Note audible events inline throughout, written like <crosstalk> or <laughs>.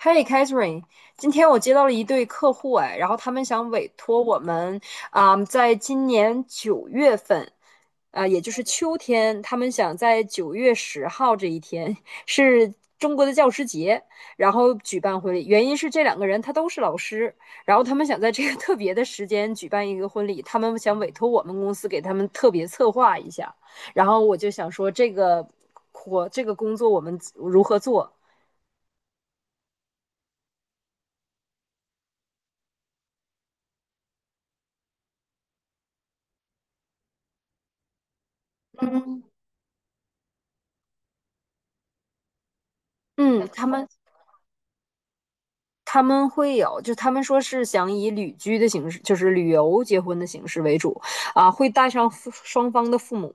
Hey Catherine，今天我接到了一对客户哎，然后他们想委托我们在今年9月份，也就是秋天，他们想在九月十号这一天是中国的教师节，然后举办婚礼。原因是这两个人他都是老师，然后他们想在这个特别的时间举办一个婚礼，他们想委托我们公司给他们特别策划一下。然后我就想说，这个活这个工作我们如何做？嗯，他们会有，就他们说是想以旅居的形式，就是旅游结婚的形式为主，会带上父双方的父母，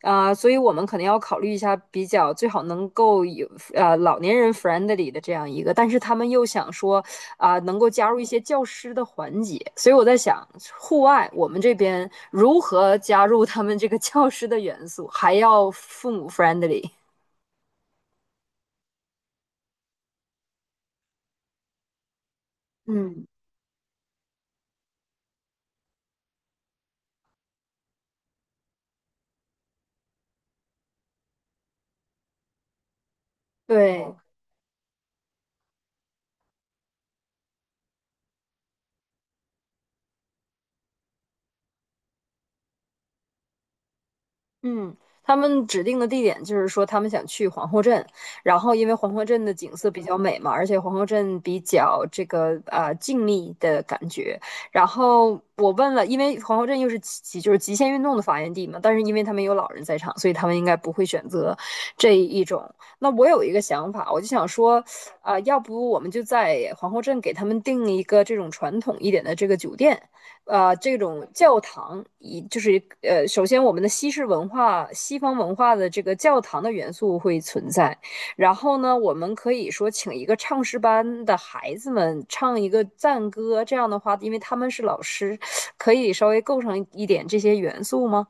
所以我们可能要考虑一下，比较最好能够有老年人 friendly 的这样一个，但是他们又想说能够加入一些教师的环节，所以我在想，户外我们这边如何加入他们这个 <laughs> 教师的元素，还要父母 friendly，嗯，对。嗯，他们指定的地点就是说他们想去皇后镇，然后因为皇后镇的景色比较美嘛，而且皇后镇比较这个静谧的感觉。然后我问了，因为皇后镇又是就是极限运动的发源地嘛，但是因为他们有老人在场，所以他们应该不会选择这一种。那我有一个想法，我就想说，要不我们就在皇后镇给他们订一个这种传统一点的这个酒店。这种教堂以就是呃，首先我们的西式文化、西方文化的这个教堂的元素会存在，然后呢，我们可以说请一个唱诗班的孩子们唱一个赞歌，这样的话，因为他们是老师，可以稍微构成一点这些元素吗？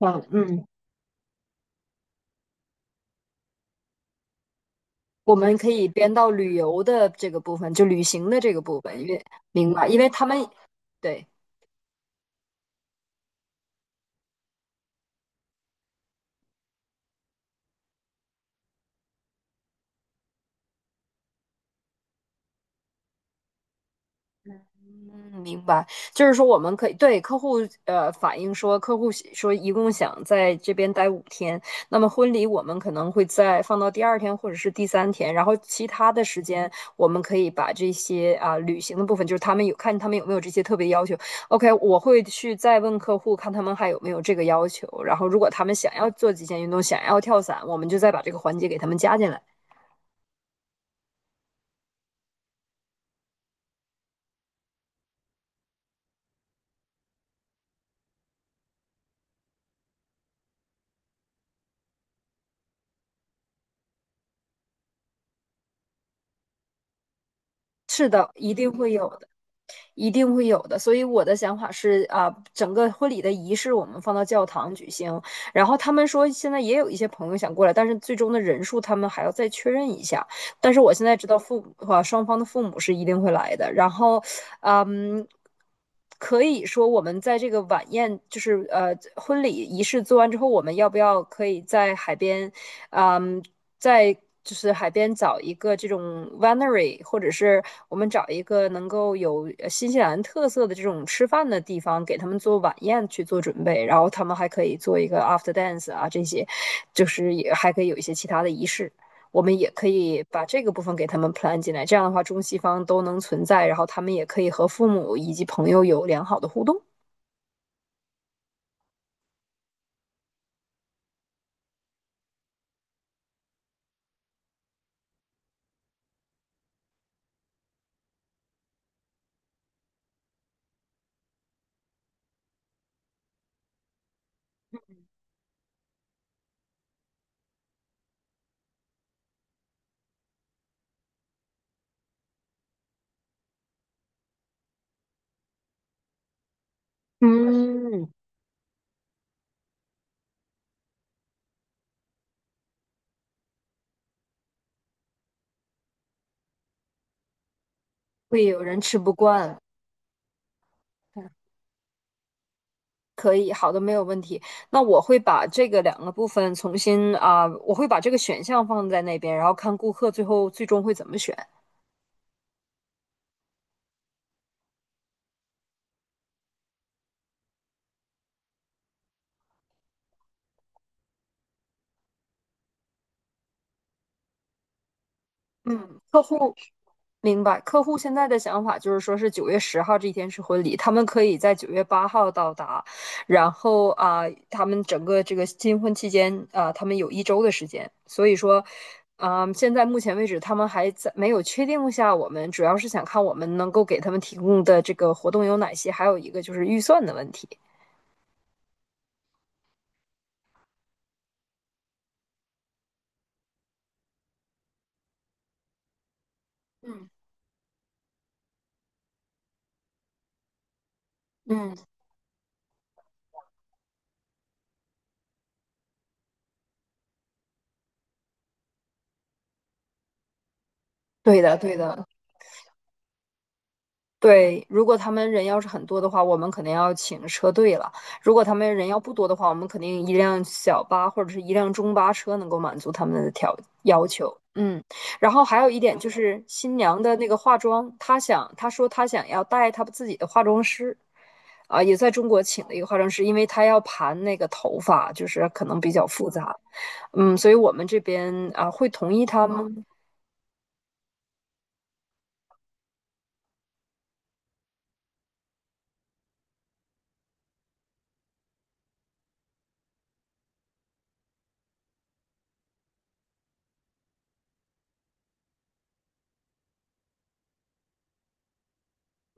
嗯嗯，我们可以编到旅游的这个部分，就旅行的这个部分，因为明白，因为他们对。嗯，明白，就是说我们可以对客户反映说，客户喜说一共想在这边待5天，那么婚礼我们可能会在放到第二天或者是第三天，然后其他的时间我们可以把这些旅行的部分，就是他们有看他们有没有这些特别要求。OK，我会去再问客户看他们还有没有这个要求，然后如果他们想要做极限运动，想要跳伞，我们就再把这个环节给他们加进来。是的，一定会有的。一定会有的。所以我的想法是啊，整个婚礼的仪式我们放到教堂举行。然后他们说现在也有一些朋友想过来，但是最终的人数他们还要再确认一下。但是我现在知道父母啊，双方的父母是一定会来的。然后，啊嗯。可以说，我们在这个晚宴，就是婚礼仪式做完之后，我们要不要可以在海边，啊嗯，在就是海边找一个这种 winery，或者是我们找一个能够有新西兰特色的这种吃饭的地方，给他们做晚宴去做准备，然后他们还可以做一个 after dance 啊，这些就是也还可以有一些其他的仪式。我们也可以把这个部分给他们 plan 进来，这样的话中西方都能存在，然后他们也可以和父母以及朋友有良好的互动，嗯，会有人吃不惯。可以，好的，没有问题。那我会把这个两个部分重新我会把这个选项放在那边，然后看顾客最后最终会怎么选。嗯，客户明白，客户现在的想法就是说是九月十号这一天是婚礼，他们可以在9月8日到达，然后他们整个这个新婚期间啊、他们有一周的时间，所以说，现在目前为止他们还在没有确定下我们，主要是想看我们能够给他们提供的这个活动有哪些，还有一个就是预算的问题。嗯嗯，对的，对的。对，如果他们人要是很多的话，我们可能要请车队了；如果他们人要不多的话，我们肯定一辆小巴或者是一辆中巴车能够满足他们的要求。嗯，然后还有一点就是新娘的那个化妆，她想她说她想要带她自己的化妆师，也在中国请了一个化妆师，因为她要盘那个头发，就是可能比较复杂。嗯，所以我们这边啊会同意她吗？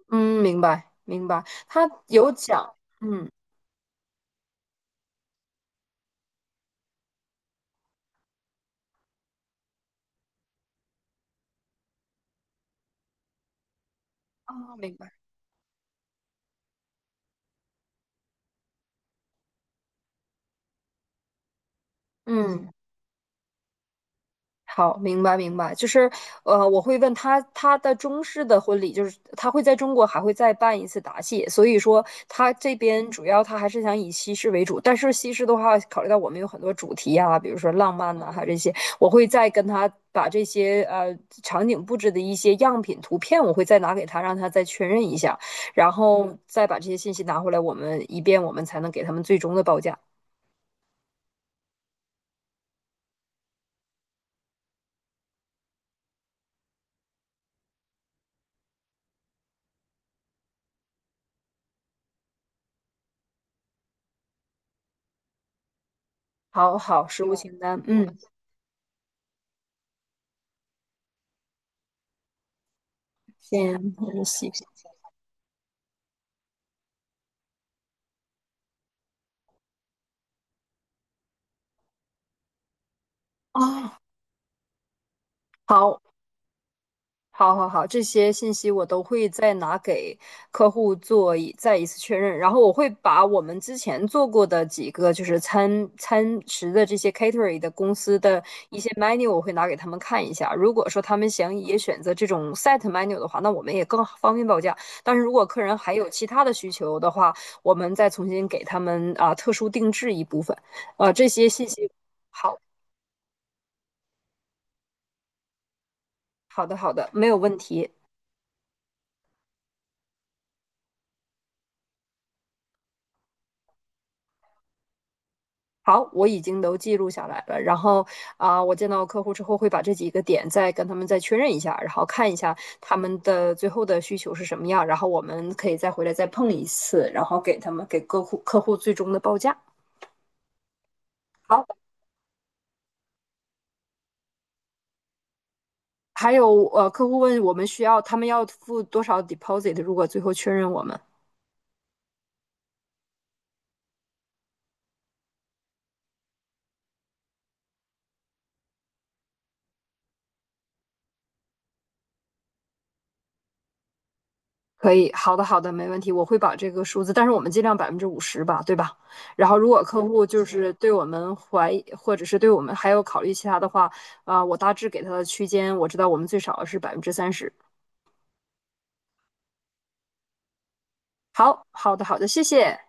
嗯，明白明白，她有讲，嗯。哦，明白。嗯，好，明白明白，就是我会问他他的中式的婚礼，就是他会在中国还会再办一次答谢，所以说他这边主要他还是想以西式为主，但是西式的话，考虑到我们有很多主题啊，比如说浪漫呐、还有这些，我会再跟他把这些场景布置的一些样品图片，我会再拿给他，让他再确认一下，然后再把这些信息拿回来，我们以便我们才能给他们最终的报价。好好，实物清单，嗯，先分析。哦，好，好，好，好，这些信息我都会再拿给客户做再一次确认，然后我会把我们之前做过的几个就是餐食的这些 catering 的公司的一些 menu，我会拿给他们看一下。如果说他们想也选择这种 set menu 的话，那我们也更方便报价。但是如果客人还有其他的需求的话，我们再重新给他们特殊定制一部分。这些信息，好，好的，好的，没有问题。好，我已经都记录下来了。然后我见到客户之后会把这几个点再跟他们再确认一下，然后看一下他们的最后的需求是什么样，然后我们可以再回来再碰一次，然后给他们给客户最终的报价。好，还有客户问我们需要他们要付多少 deposit，如果最后确认我们。可以，好的，好的，没问题，我会把这个数字，但是我们尽量50%吧，对吧？然后如果客户就是对我们怀疑，或者是对我们还有考虑其他的话，我大致给他的区间，我知道我们最少是30%。好，好的，好的，谢谢，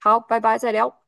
好，拜拜，再聊。